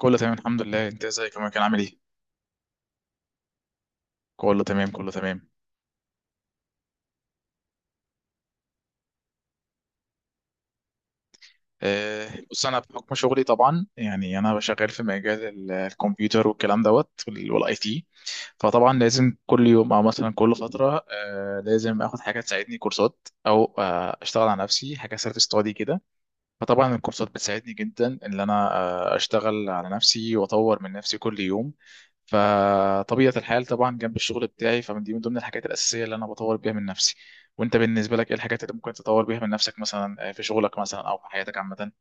كله تمام الحمد لله، انت ازيك يا كان عامل ايه؟ كله تمام كله تمام. بص انا بحكم شغلي طبعا يعني انا شغال في مجال الكمبيوتر والكلام دوت والاي تي. فطبعا لازم كل يوم او مثلا كل فتره لازم اخد حاجه تساعدني كورسات او اشتغل على نفسي حاجه سيلف ستادي كده. فطبعا الكورسات بتساعدني جدا ان انا اشتغل على نفسي واطور من نفسي كل يوم. فطبيعة الحال طبعا جنب الشغل بتاعي فمن دي من ضمن الحاجات الأساسية اللي انا بطور بيها من نفسي. وانت بالنسبة لك ايه الحاجات اللي ممكن تطور بيها من نفسك مثلا في شغلك مثلا او في حياتك عامة؟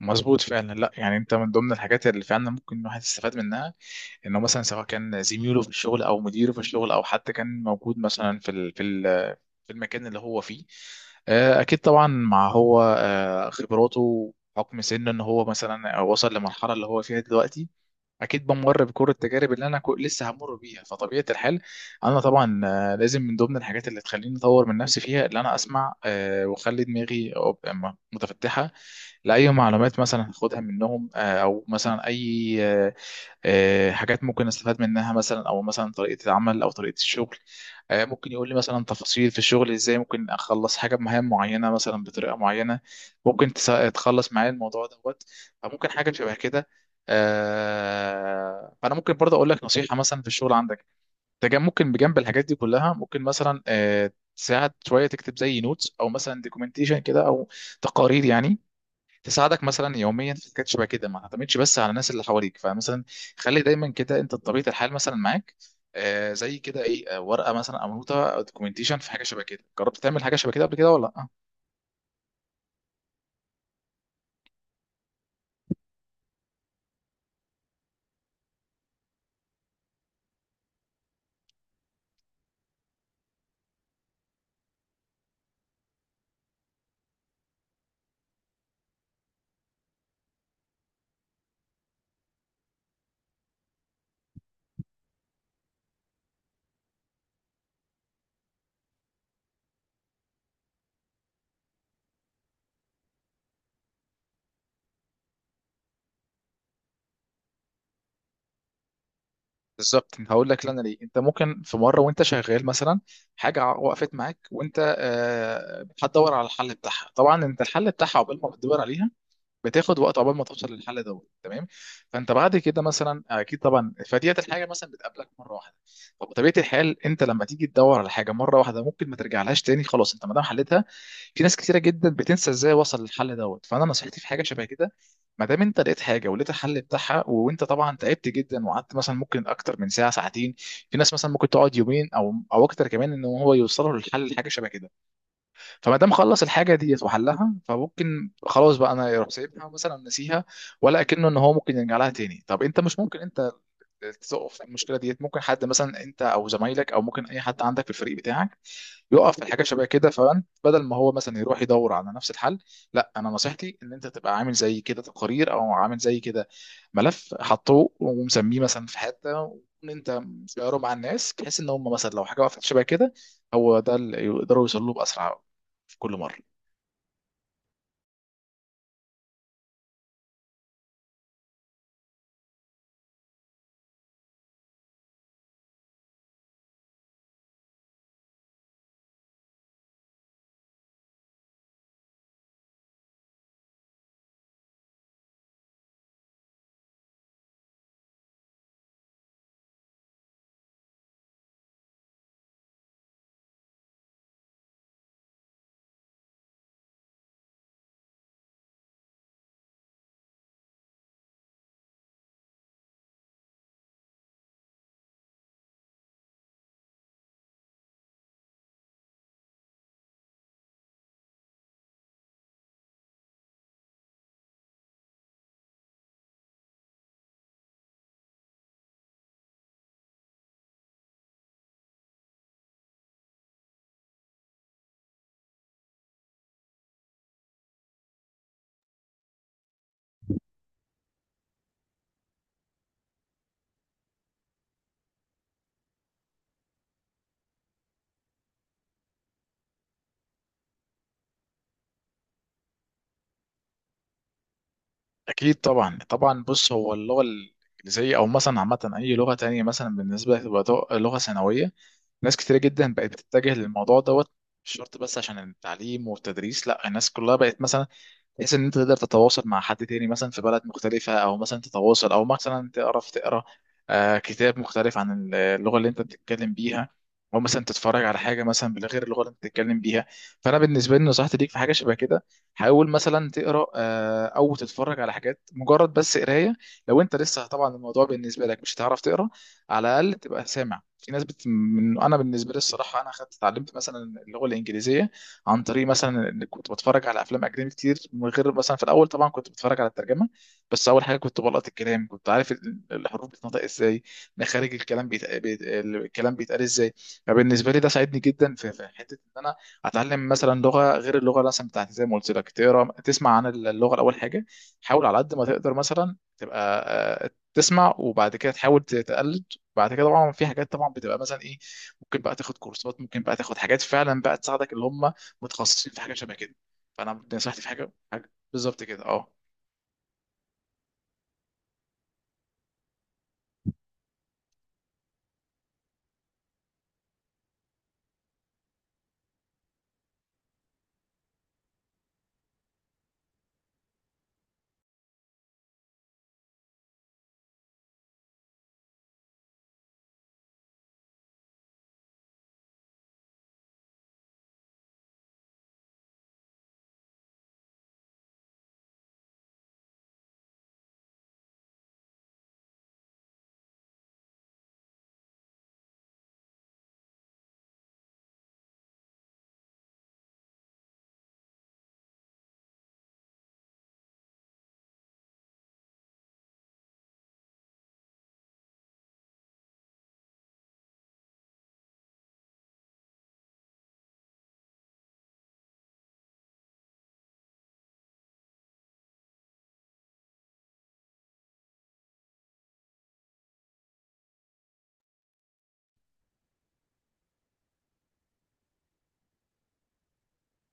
مظبوط فعلا، لا يعني انت من ضمن الحاجات اللي فعلا ممكن الواحد يستفاد منها انه مثلا سواء كان زميله في الشغل او مديره في الشغل او حتى كان موجود مثلا في المكان اللي هو فيه. اكيد طبعا مع هو خبراته حكم سنه ان هو مثلا وصل لمرحله اللي هو فيها دلوقتي، اكيد بمر بكل التجارب اللي انا لسه همر بيها. فطبيعه الحال انا طبعا لازم من ضمن الحاجات اللي تخليني اطور من نفسي فيها اللي انا اسمع واخلي دماغي متفتحه لاي معلومات مثلا هاخدها منهم، او مثلا اي حاجات ممكن استفاد منها مثلا او مثلا طريقه العمل او طريقه الشغل. ممكن يقول لي مثلا تفاصيل في الشغل ازاي ممكن اخلص حاجه بمهام معينه مثلا بطريقه معينه، ممكن تخلص معايا الموضوع دوت. فممكن حاجه شبه كده. فانا ممكن برضه اقول لك نصيحه مثلا في الشغل عندك. انت ممكن بجنب الحاجات دي كلها ممكن مثلا تساعد شويه تكتب زي نوتس او مثلا دوكيومنتيشن كده او تقارير يعني تساعدك مثلا يوميا في حاجات شبه كده، ما تعتمدش بس على الناس اللي حواليك. فمثلا خلي دايما كده انت طبيعه الحال مثلا معاك زي كده ايه، ورقه مثلا او نوته او دوكيومنتيشن في حاجه شبه كده. جربت تعمل حاجه شبه كده قبل كده ولا لا؟ بالظبط هقول لك لنا ليه. انت ممكن في مره وانت شغال مثلا حاجه وقفت معاك وانت هتدور على الحل بتاعها، طبعا انت الحل بتاعها عقبال ما بتدور عليها بتاخد وقت عقبال ما توصل للحل دوت تمام. فانت بعد كده مثلا اكيد طبعا فديت الحاجه مثلا بتقابلك مره واحده، فبطبيعه الحال انت لما تيجي تدور على حاجه مره واحده ممكن ما ترجعلهاش تاني خلاص انت ما دام حلتها. في ناس كتيره جدا بتنسى ازاي وصل للحل دوت. فانا نصيحتي في حاجه شبه كده، ما دام انت لقيت حاجه ولقيت الحل بتاعها وانت طبعا تعبت جدا وقعدت مثلا ممكن اكتر من ساعه ساعتين، في ناس مثلا ممكن تقعد يومين او اكتر كمان ان هو يوصلوا للحل حاجه شبه كده. فما دام خلص الحاجه ديت وحلها، فممكن خلاص بقى انا يروح سايبها مثلا نسيها، ولا اكنه ان هو ممكن يرجع لها تاني. طب انت مش ممكن انت تقف في المشكله ديت، ممكن حد مثلا انت او زمايلك او ممكن اي حد عندك في الفريق بتاعك يقف في الحاجات شبه كده، فانت بدل ما هو مثلا يروح يدور على نفس الحل، لا انا نصيحتي ان انت تبقى عامل زي كده تقارير او عامل زي كده ملف حطوه ومسميه مثلا في حته، وان انت شيره مع الناس بحيث ان هم مثلا لو حاجه وقفت شبه كده هو ده اللي يقدروا يوصلوا له باسرع في كل مره. اكيد طبعا طبعا بص هو اللغه الانجليزيه او مثلا عامه اي لغه تانية مثلا بالنسبه تبقى لغه ثانويه، ناس كتير جدا بقت بتتجه للموضوع دوت. مش شرط بس عشان التعليم والتدريس، لا الناس كلها بقت مثلا بحيث ان انت تقدر تتواصل مع حد تاني مثلا في بلد مختلفة، او مثلا تتواصل او مثلا تعرف تقرا كتاب مختلف عن اللغة اللي انت بتتكلم بيها، او مثلا تتفرج على حاجة مثلا بغير اللغة اللي انت بتتكلم بيها. فانا بالنسبة لي نصيحتي ليك في حاجة شبه كده، حاول مثلا تقرا او تتفرج على حاجات مجرد بس قراية. لو انت لسه طبعا الموضوع بالنسبة لك مش هتعرف تقرا، على الاقل تبقى سامع. في ناس بت... من... انا بالنسبة لي الصراحة انا خدت اتعلمت مثلا اللغة الانجليزية عن طريق مثلا إن كنت بتفرج على افلام اجنبي كتير من غير مثلا، في الاول طبعا كنت بتفرج على الترجمه، بس اول حاجه كنت بلقط الكلام كنت عارف الحروف بتنطق ازاي، مخارج الكلام الكلام بيتقال ازاي. فبالنسبه لي ده ساعدني جدا في حته ان انا اتعلم مثلا لغه غير اللغه مثلا بتاعتي. زي ما قلت لك، تقرا تسمع عن اللغه الاول حاجه، حاول على قد ما تقدر مثلا تبقى تسمع وبعد كده تحاول تقلد. بعد كده طبعا في حاجات طبعا بتبقى مثلا ايه، ممكن بقى تاخد كورسات، ممكن بقى تاخد حاجات فعلا بقى تساعدك اللي هم متخصصين في حاجه شبه كده. فانا نصيحتي في حاجه بالظبط كده اه.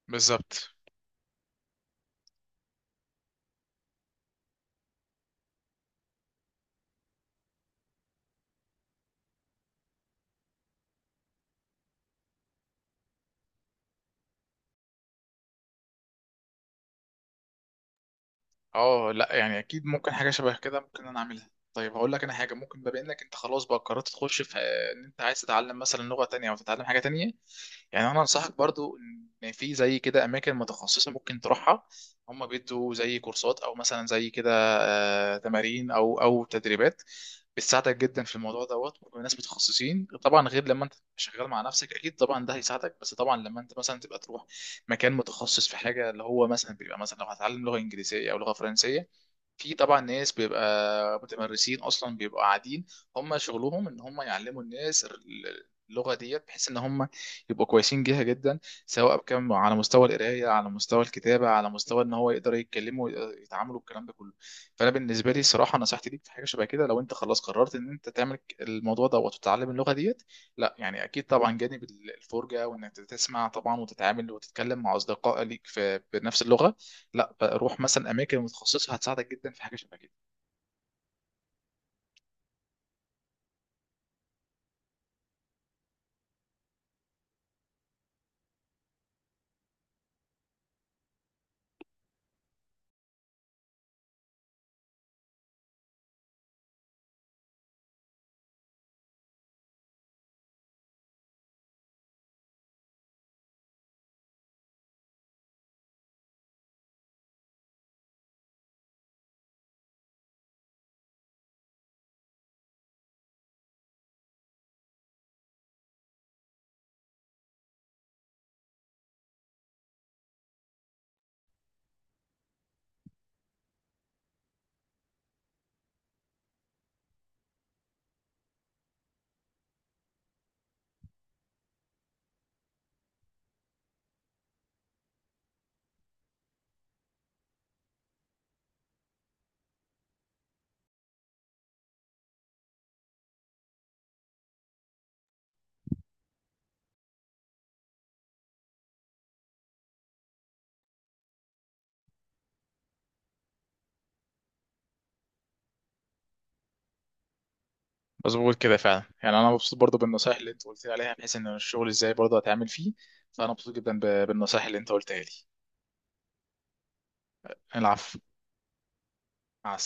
بالظبط اه، لا يعني اكيد ممكن حاجه شبه كده ممكن انا اعملها. طيب هقول لك انا حاجه، ممكن بما انك انت خلاص بقى قررت تخش في ان انت عايز تتعلم مثلا لغه تانية او تتعلم حاجه تانية، يعني انا انصحك برضو ان في زي كده اماكن متخصصه ممكن تروحها، هم بيدوا زي كورسات او مثلا زي كده تمارين او تدريبات بتساعدك جدا في الموضوع دوت. وناس متخصصين طبعا غير لما انت شغال مع نفسك، اكيد طبعا ده هيساعدك. بس طبعا لما انت مثلا تبقى تروح مكان متخصص في حاجه اللي هو مثلا بيبقى مثلا لو هتعلم لغه انجليزيه او لغه فرنسيه، في طبعا ناس بيبقى متمرسين اصلا بيبقوا قاعدين هم شغلهم ان هم يعلموا الناس اللغه ديت، بحيث ان هم يبقوا كويسين جيها جدا سواء بكم على مستوى القرايه، على مستوى الكتابه، على مستوى ان هو يقدر يتكلموا ويتعاملوا الكلام ده كله. فانا بالنسبه لي الصراحه نصيحتي ليك في حاجه شبه كده، لو انت خلاص قررت ان انت تعمل الموضوع ده وتتعلم اللغه ديت، لا يعني اكيد طبعا جانب الفرجه وانك تسمع طبعا وتتعامل وتتكلم مع اصدقاء ليك في بنفس اللغه، لا روح مثلا اماكن متخصصه هتساعدك جدا في حاجه شبه كده. مظبوط كده فعلا، يعني انا مبسوط برضو بالنصايح اللي انت قلت لي عليها بحيث ان الشغل ازاي برضو هتعمل فيه، فانا مبسوط جدا بالنصايح اللي انت قلتها لي. العفو. مع السلامه.